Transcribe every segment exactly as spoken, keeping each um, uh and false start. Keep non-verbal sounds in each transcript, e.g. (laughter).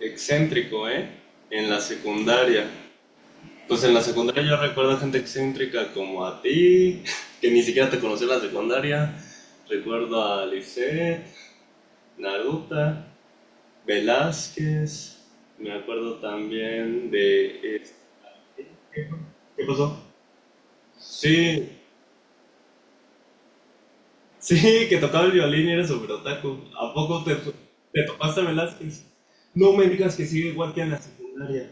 Excéntrico, ¿eh? En la secundaria. Pues en la secundaria yo recuerdo gente excéntrica como a ti, (laughs) que ni siquiera te conocí en la secundaria. Recuerdo a Lisette, Naruta, Velázquez. Me acuerdo también de... eh, ¿Qué pasó? Sí, (laughs) sí, que tocaba el violín y era súper otaku. ¿A poco te, te topaste a Velázquez? No me digas que sigue igual que en la secundaria.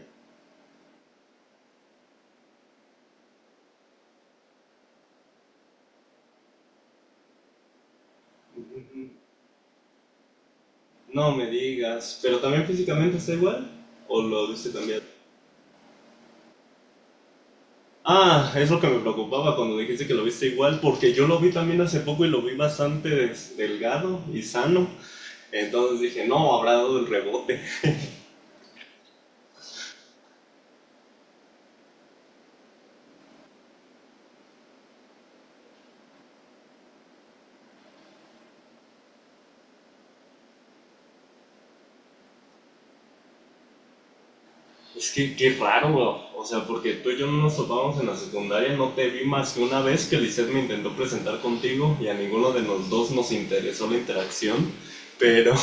No me digas, pero también físicamente está igual o lo viste cambiar. Ah, es lo que me preocupaba cuando dijiste que lo viste igual, porque yo lo vi también hace poco y lo vi bastante des- delgado y sano. Entonces dije, no, habrá dado el rebote. Es que qué raro, o sea, porque tú y yo no nos topamos en la secundaria, no te vi más que una vez que Lisette me intentó presentar contigo y a ninguno de los dos nos interesó la interacción, pero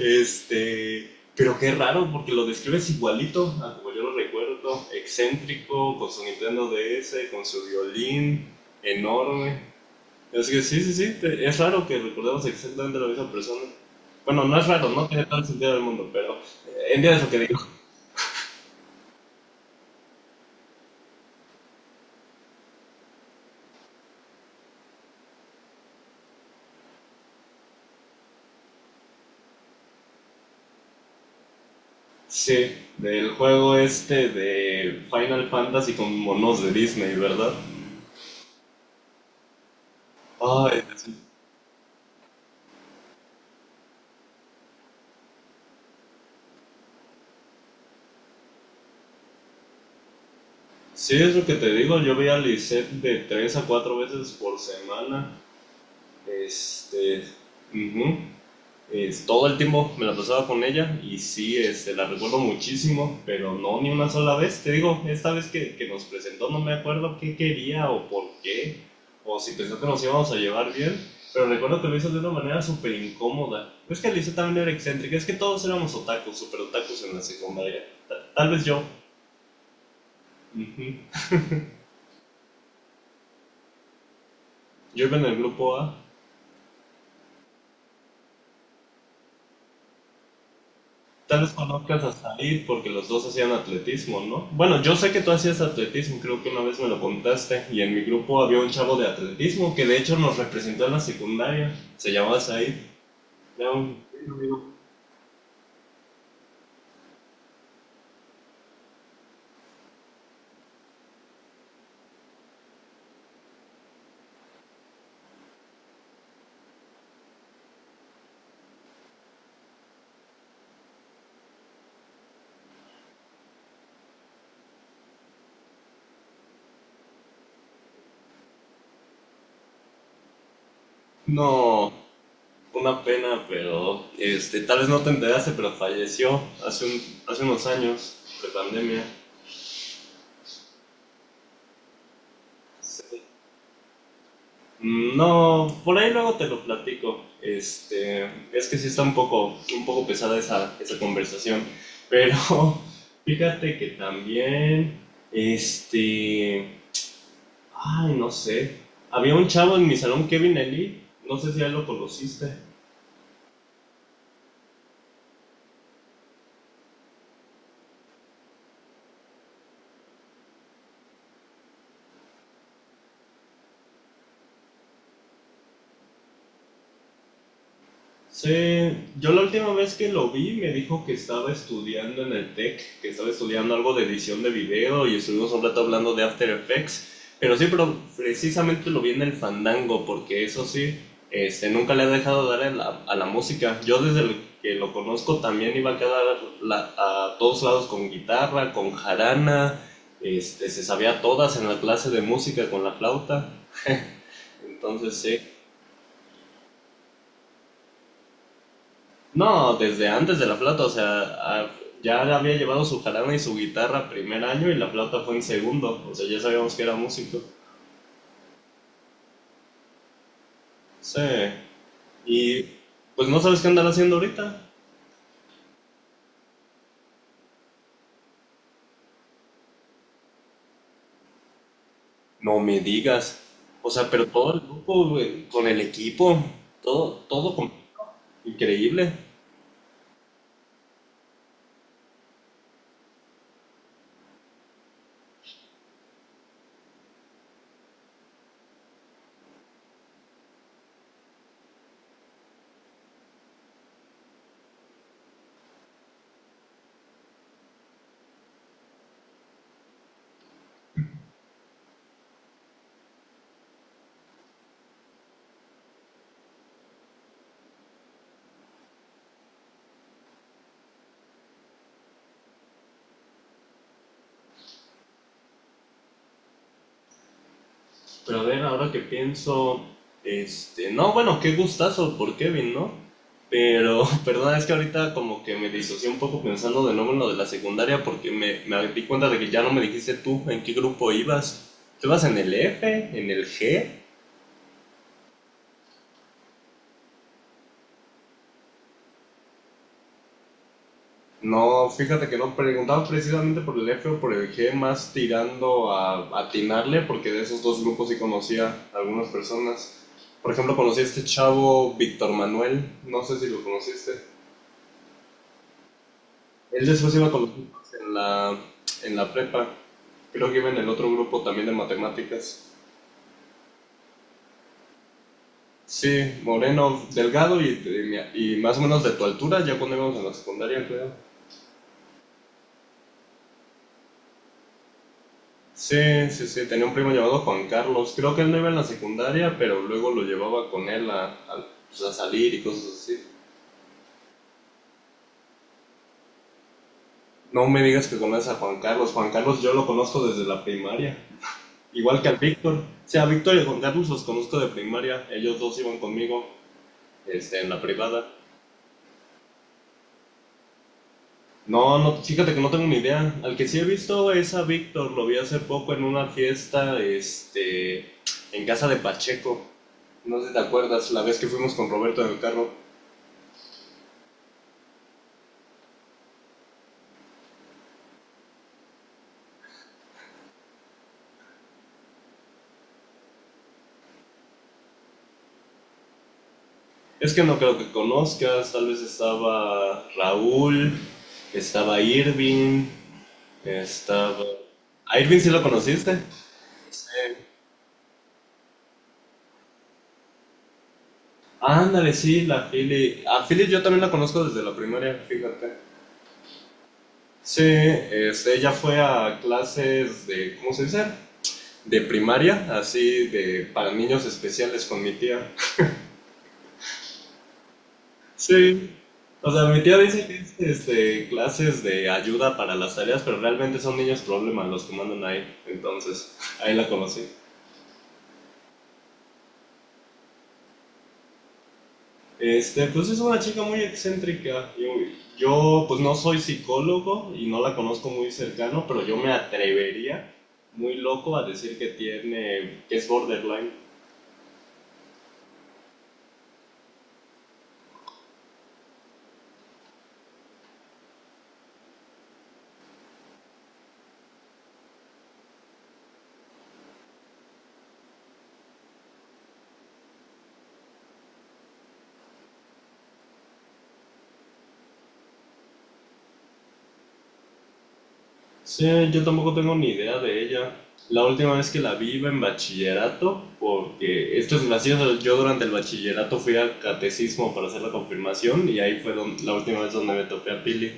Este, pero qué raro, porque lo describes igualito a como yo lo recuerdo. Excéntrico, con su Nintendo D S, con su violín, enorme. Así que sí, sí, sí, te- es raro que recordemos exactamente la misma persona. Bueno, no es raro, no tiene todo el sentido del mundo, pero eh, entiendes lo que digo. Sí, del juego este de Final Fantasy con monos de Disney, ¿verdad? Ay, sí, sí, es lo que te digo, yo veía a Lisette de tres a cuatro veces por semana. Este, ujú, es- todo el tiempo me la pasaba con ella y sí, este, la recuerdo muchísimo, pero no ni una sola vez. Te digo, esta vez que, que nos presentó no me acuerdo qué quería o por qué, o si pensó que nos íbamos a llevar bien, pero recuerdo que lo hizo de una manera súper incómoda. Es que Lisa también era excéntrica, es que todos éramos otakus, súper otakus en la secundaria. Ta- Tal vez yo. Ujú. Yo iba en el grupo A. Tal vez conozcas a Said porque los dos hacían atletismo, ¿no? Bueno, yo sé que tú hacías atletismo, creo que una vez me lo contaste. Y en mi grupo había un chavo de atletismo que de hecho nos representó en la secundaria. Se llamaba Said. Era un amigo. No, una pena, pero este, tal vez no te enteraste, pero falleció hace, un, hace unos años, de pandemia. Mm, no, por ahí luego te lo platico. Este, es que sí está un poco, un poco pesada esa, esa conversación. Pero (laughs) fíjate que también, este, ay, no sé. Había un chavo en mi salón, Kevin Eli, no sé si ya lo conociste. Sí, yo la última vez que lo vi me dijo que estaba estudiando en el TEC, que estaba estudiando algo de edición de video y estuvimos un rato hablando de After Effects, pero sí, pero precisamente lo vi en el Fandango, porque eso sí, este, nunca le ha dejado dar a la, a la música. Yo desde el que lo conozco también iba a quedar la- a todos lados con guitarra, con jarana, este, se sabía todas en la clase de música con la flauta, entonces sí. No, desde antes de la flauta, o sea, a- ya había llevado su jarana y su guitarra primer año y la flauta fue en segundo, o sea, ya sabíamos que era músico. Sí, y pues no sabes qué andar haciendo ahorita. No me digas. O sea, pero todo el grupo, güey, con el equipo, todo, todo con- Increíble. Pero a ver, ahora que pienso, este, no, bueno, qué gustazo por Kevin, ¿no? Pero, (laughs) perdona, es que ahorita como que me disocié un poco pensando de nuevo en lo de la secundaria porque me, me di cuenta de que ya no me dijiste tú en qué grupo ibas. ¿Tú ibas en el F? ¿En el G? No, fíjate que no preguntaba precisamente por el F o por el G, más tirando a atinarle porque de esos dos grupos sí conocía a algunas personas. Por ejemplo, conocí a este chavo Víctor Manuel, no sé si lo conociste. Él después iba con los compas en la, en la prepa. Creo que iba en el otro grupo también de matemáticas. Sí, moreno, delgado y, de y más o menos de tu altura, ya cuando íbamos en la secundaria, creo. Sí, sí, sí, tenía un primo llamado Juan Carlos. Creo que él no iba en la secundaria, pero luego lo llevaba con él a, a, pues, a salir y cosas así. No me digas que conoces a Juan Carlos. Juan Carlos yo lo conozco desde la primaria. Igual que al Víctor. O sea, a Víctor y a Juan Carlos los conozco de primaria. Ellos dos iban conmigo, este, en la privada. No, no, fíjate que no tengo ni idea. Al que sí he visto es a Víctor, lo vi hace poco en una fiesta, este, en casa de Pacheco. No sé si te acuerdas, la vez que fuimos con Roberto en el carro. Es que no creo que conozcas, tal vez estaba Raúl, estaba Irving, estaba... ¿A Irving sí lo conociste? Sí. Ándale, sí, la Philly. A Philly yo también la conozco desde la primaria, fíjate. Sí, este, ella fue a clases de, ¿cómo se dice? De primaria, así de para niños especiales con mi tía. Sí. O sea, mi tía dice que es este, clases de ayuda para las tareas, pero realmente son niños problemas los que mandan ahí. Entonces, ahí la conocí. Este, pues es una chica muy excéntrica. Yo, yo, pues no soy psicólogo y no la conozco muy cercano, pero yo me atrevería muy loco a decir que tiene, que es borderline. Sí, yo tampoco tengo ni idea de ella. La última vez que la vi iba en bachillerato, porque esto es gracioso, yo durante el bachillerato fui al catecismo para hacer la confirmación y ahí fue don- la última vez donde me topé a Pili.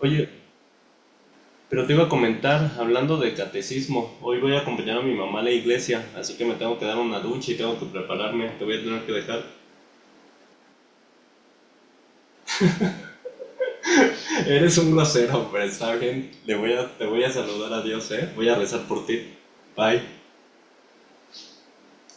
Oye, pero te iba a comentar, hablando de catecismo, hoy voy a acompañar a mi mamá a la iglesia, así que me tengo que dar una ducha y tengo que prepararme, te voy a tener que dejar. (laughs) Eres un grosero, pero está bien, le voy a, te voy a saludar a Dios, ¿eh? Voy a rezar por ti. Bye.